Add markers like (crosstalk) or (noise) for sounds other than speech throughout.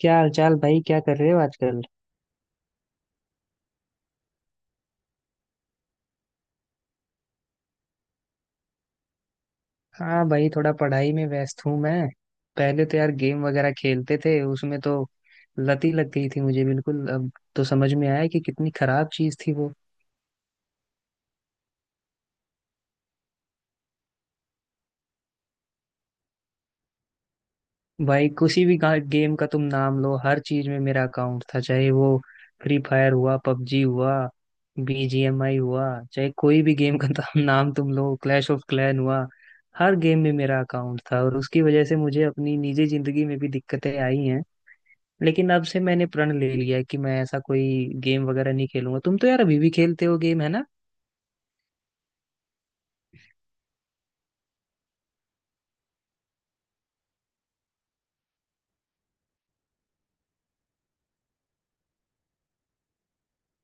क्या हाल चाल भाई, क्या कर रहे हो आजकल। हाँ भाई, थोड़ा पढ़ाई में व्यस्त हूँ मैं। पहले तो यार गेम वगैरह खेलते थे, उसमें तो लत ही लग गई थी मुझे बिल्कुल। अब तो समझ में आया कि कितनी खराब चीज थी वो। भाई, किसी भी गेम का तुम नाम लो, हर चीज में मेरा अकाउंट था, चाहे वो फ्री फायर हुआ, पबजी हुआ, बीजीएमआई हुआ। चाहे कोई भी गेम का (laughs) नाम तुम लो, क्लैश ऑफ क्लैन हुआ। हर गेम में मेरा अकाउंट था और उसकी वजह से मुझे अपनी निजी जिंदगी में भी दिक्कतें आई हैं। लेकिन अब से मैंने प्रण ले लिया है कि मैं ऐसा कोई गेम वगैरह नहीं खेलूंगा। तुम तो यार अभी भी खेलते हो गेम, है ना।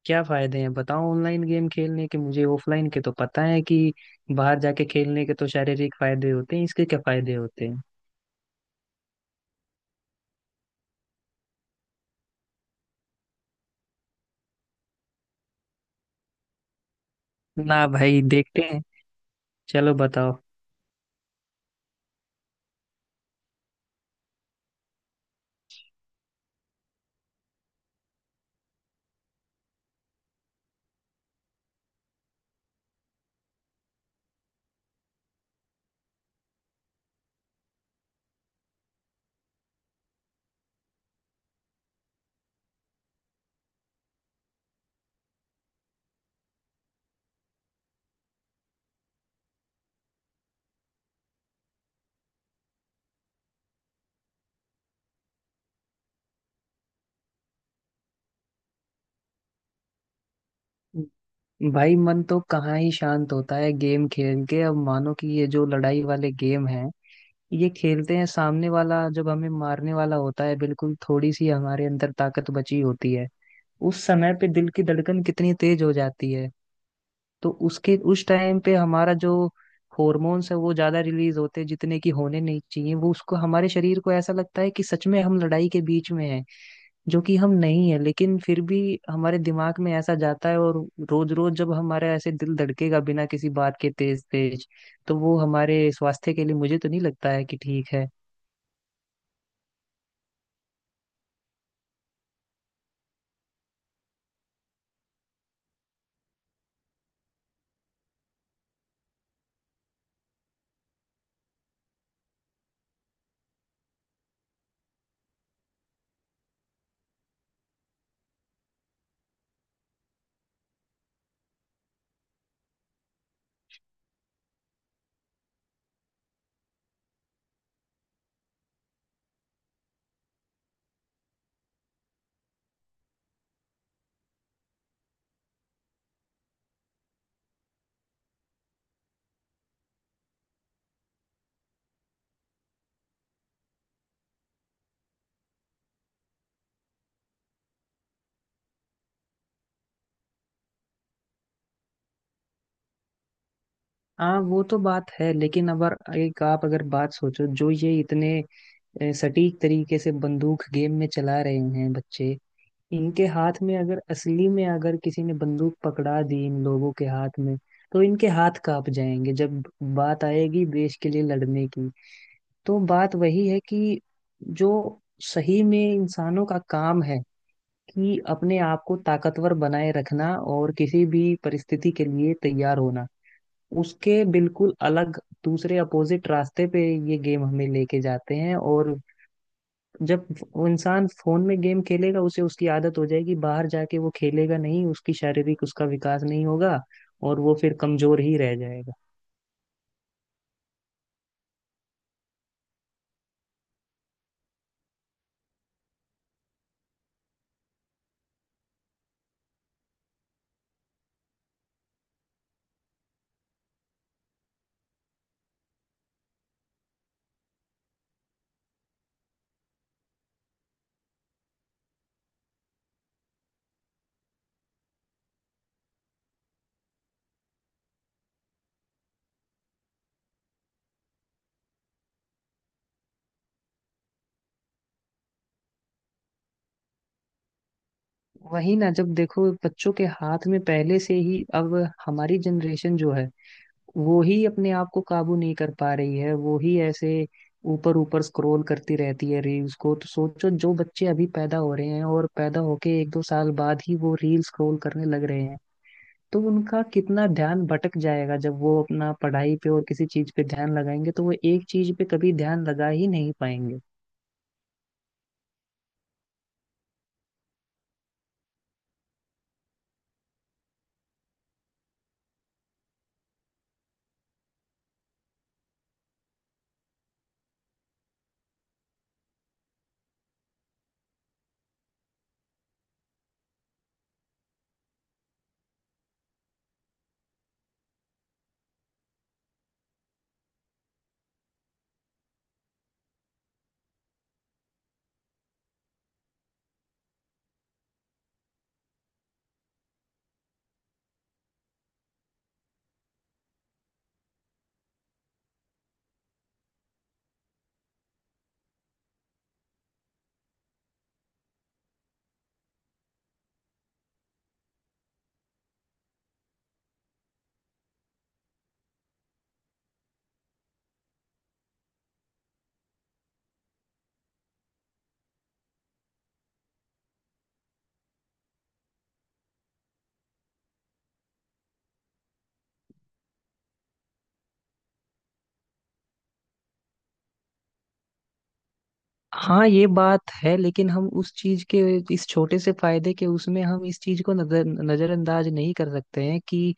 क्या फायदे हैं बताओ ऑनलाइन गेम खेलने के। मुझे ऑफलाइन के तो पता है कि बाहर जाके खेलने के तो शारीरिक फायदे होते हैं, इसके क्या फायदे होते हैं। ना भाई, देखते हैं। चलो बताओ। भाई मन तो कहाँ ही शांत होता है गेम खेल के। अब मानो कि ये जो लड़ाई वाले गेम हैं ये खेलते हैं, सामने वाला जब हमें मारने वाला होता है, बिल्कुल थोड़ी सी हमारे अंदर ताकत बची होती है, उस समय पे दिल की धड़कन कितनी तेज हो जाती है। तो उसके उस टाइम पे हमारा जो हॉर्मोन्स है वो ज्यादा रिलीज होते हैं जितने की होने नहीं चाहिए। वो उसको हमारे शरीर को ऐसा लगता है कि सच में हम लड़ाई के बीच में हैं, जो कि हम नहीं है, लेकिन फिर भी हमारे दिमाग में ऐसा जाता है। और रोज रोज जब हमारा ऐसे दिल धड़केगा बिना किसी बात के तेज तेज, तो वो हमारे स्वास्थ्य के लिए मुझे तो नहीं लगता है कि ठीक है। हाँ वो तो बात है, लेकिन अगर एक आप अगर बात सोचो, जो ये इतने सटीक तरीके से बंदूक गेम में चला रहे हैं बच्चे, इनके हाथ में अगर असली में अगर किसी ने बंदूक पकड़ा दी इन लोगों के हाथ में, तो इनके हाथ कांप जाएंगे जब बात आएगी देश के लिए लड़ने की। तो बात वही है कि जो सही में इंसानों का काम है कि अपने आप को ताकतवर बनाए रखना और किसी भी परिस्थिति के लिए तैयार होना, उसके बिल्कुल अलग दूसरे अपोजिट रास्ते पे ये गेम हमें लेके जाते हैं। और जब वो इंसान फोन में गेम खेलेगा उसे उसकी आदत हो जाएगी, बाहर जाके वो खेलेगा नहीं, उसकी शारीरिक उसका विकास नहीं होगा और वो फिर कमजोर ही रह जाएगा। वही ना, जब देखो बच्चों के हाथ में पहले से ही अब, हमारी जनरेशन जो है वो ही अपने आप को काबू नहीं कर पा रही है, वो ही ऐसे ऊपर ऊपर स्क्रॉल करती रहती है रील्स को, तो सोचो जो बच्चे अभी पैदा हो रहे हैं और पैदा होके एक दो साल बाद ही वो रील स्क्रॉल करने लग रहे हैं, तो उनका कितना ध्यान भटक जाएगा। जब वो अपना पढ़ाई पे और किसी चीज पे ध्यान लगाएंगे तो वो एक चीज पे कभी ध्यान लगा ही नहीं पाएंगे। हाँ ये बात है, लेकिन हम उस चीज के, इस छोटे से फायदे के उसमें हम इस चीज को नजरअंदाज नहीं कर सकते हैं कि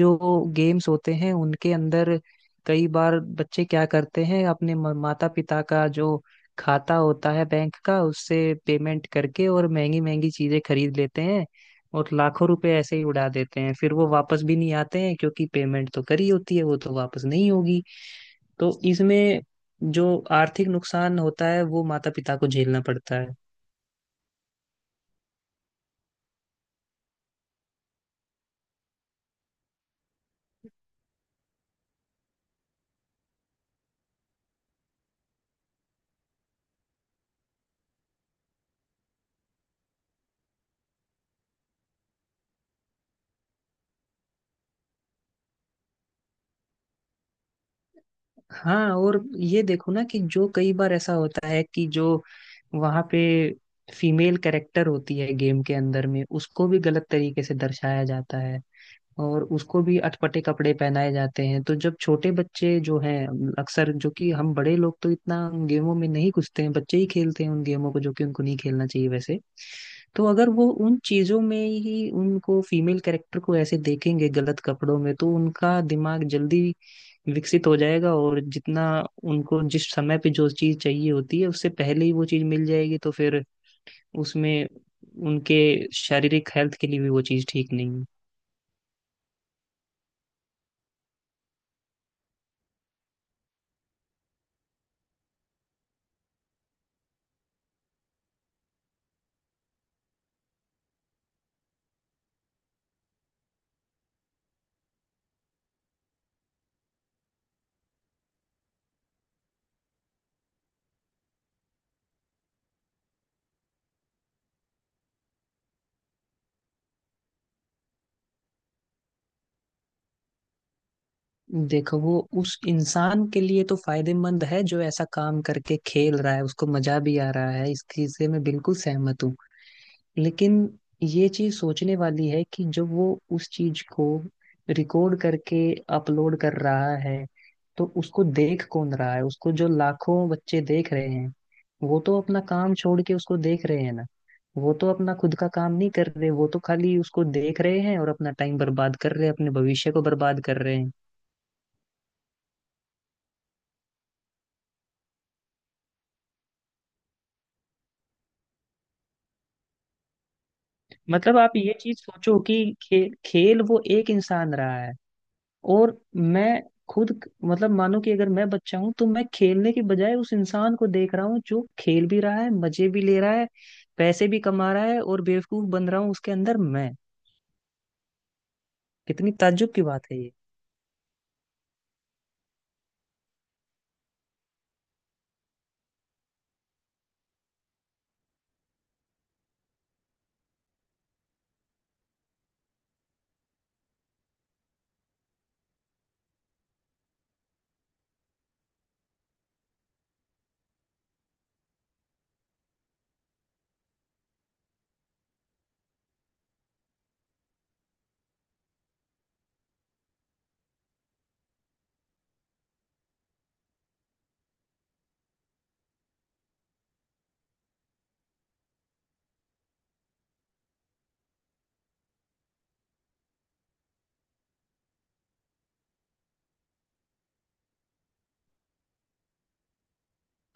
जो गेम्स होते हैं उनके अंदर कई बार बच्चे क्या करते हैं, अपने माता पिता का जो खाता होता है बैंक का, उससे पेमेंट करके और महंगी महंगी चीजें खरीद लेते हैं और लाखों रुपए ऐसे ही उड़ा देते हैं। फिर वो वापस भी नहीं आते हैं क्योंकि पेमेंट तो करी होती है, वो तो वापस नहीं होगी। तो इसमें जो आर्थिक नुकसान होता है वो माता पिता को झेलना पड़ता है। हाँ और ये देखो ना, कि जो कई बार ऐसा होता है कि जो वहां पे फीमेल कैरेक्टर होती है गेम के अंदर में, उसको भी गलत तरीके से दर्शाया जाता है और उसको भी अटपटे कपड़े पहनाए जाते हैं। तो जब छोटे बच्चे जो हैं, अक्सर जो कि हम बड़े लोग तो इतना उन गेमों में नहीं घुसते हैं, बच्चे ही खेलते हैं उन गेमों को जो कि उनको नहीं खेलना चाहिए वैसे, तो अगर वो उन चीजों में ही उनको फीमेल कैरेक्टर को ऐसे देखेंगे गलत कपड़ों में, तो उनका दिमाग जल्दी विकसित हो जाएगा और जितना उनको जिस समय पे जो चीज चाहिए होती है उससे पहले ही वो चीज मिल जाएगी, तो फिर उसमें उनके शारीरिक हेल्थ के लिए भी वो चीज ठीक नहीं है। देखो वो उस इंसान के लिए तो फायदेमंद है जो ऐसा काम करके खेल रहा है, उसको मजा भी आ रहा है, इस चीज से मैं बिल्कुल सहमत हूँ। लेकिन ये चीज सोचने वाली है कि जब वो उस चीज को रिकॉर्ड करके अपलोड कर रहा है, तो उसको देख कौन रहा है? उसको जो लाखों बच्चे देख रहे हैं वो तो अपना काम छोड़ के उसको देख रहे हैं ना। वो तो अपना खुद का काम नहीं कर रहे, वो तो खाली उसको देख रहे हैं और अपना टाइम बर्बाद कर रहे हैं, अपने भविष्य को बर्बाद कर रहे हैं। मतलब आप ये चीज सोचो कि खेल वो एक इंसान रहा है, और मैं खुद मतलब, मानो कि अगर मैं बच्चा हूं तो मैं खेलने के बजाय उस इंसान को देख रहा हूँ जो खेल भी रहा है, मजे भी ले रहा है, पैसे भी कमा रहा है, और बेवकूफ बन रहा हूँ उसके अंदर मैं। कितनी ताज्जुब की बात है ये।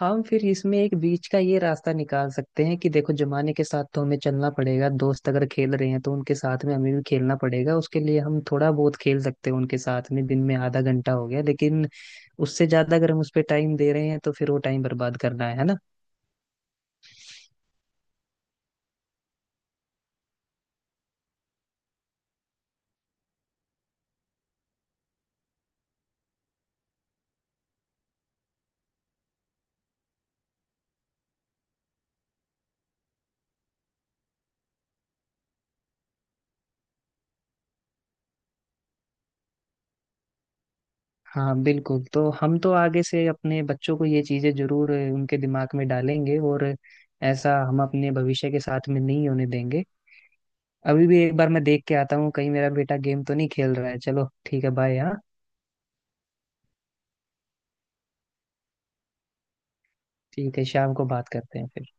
हम फिर इसमें एक बीच का ये रास्ता निकाल सकते हैं कि देखो जमाने के साथ तो हमें चलना पड़ेगा, दोस्त अगर खेल रहे हैं तो उनके साथ में हमें भी खेलना पड़ेगा, उसके लिए हम थोड़ा बहुत खेल सकते हैं उनके साथ में, दिन में आधा घंटा हो गया, लेकिन उससे ज्यादा अगर हम उस पर टाइम दे रहे हैं तो फिर वो टाइम बर्बाद करना है ना। हाँ बिल्कुल, तो हम तो आगे से अपने बच्चों को ये चीजें जरूर उनके दिमाग में डालेंगे और ऐसा हम अपने भविष्य के साथ में नहीं होने देंगे। अभी भी एक बार मैं देख के आता हूँ कहीं मेरा बेटा गेम तो नहीं खेल रहा है। चलो ठीक है, बाय। हाँ, ठीक है, शाम को बात करते हैं फिर।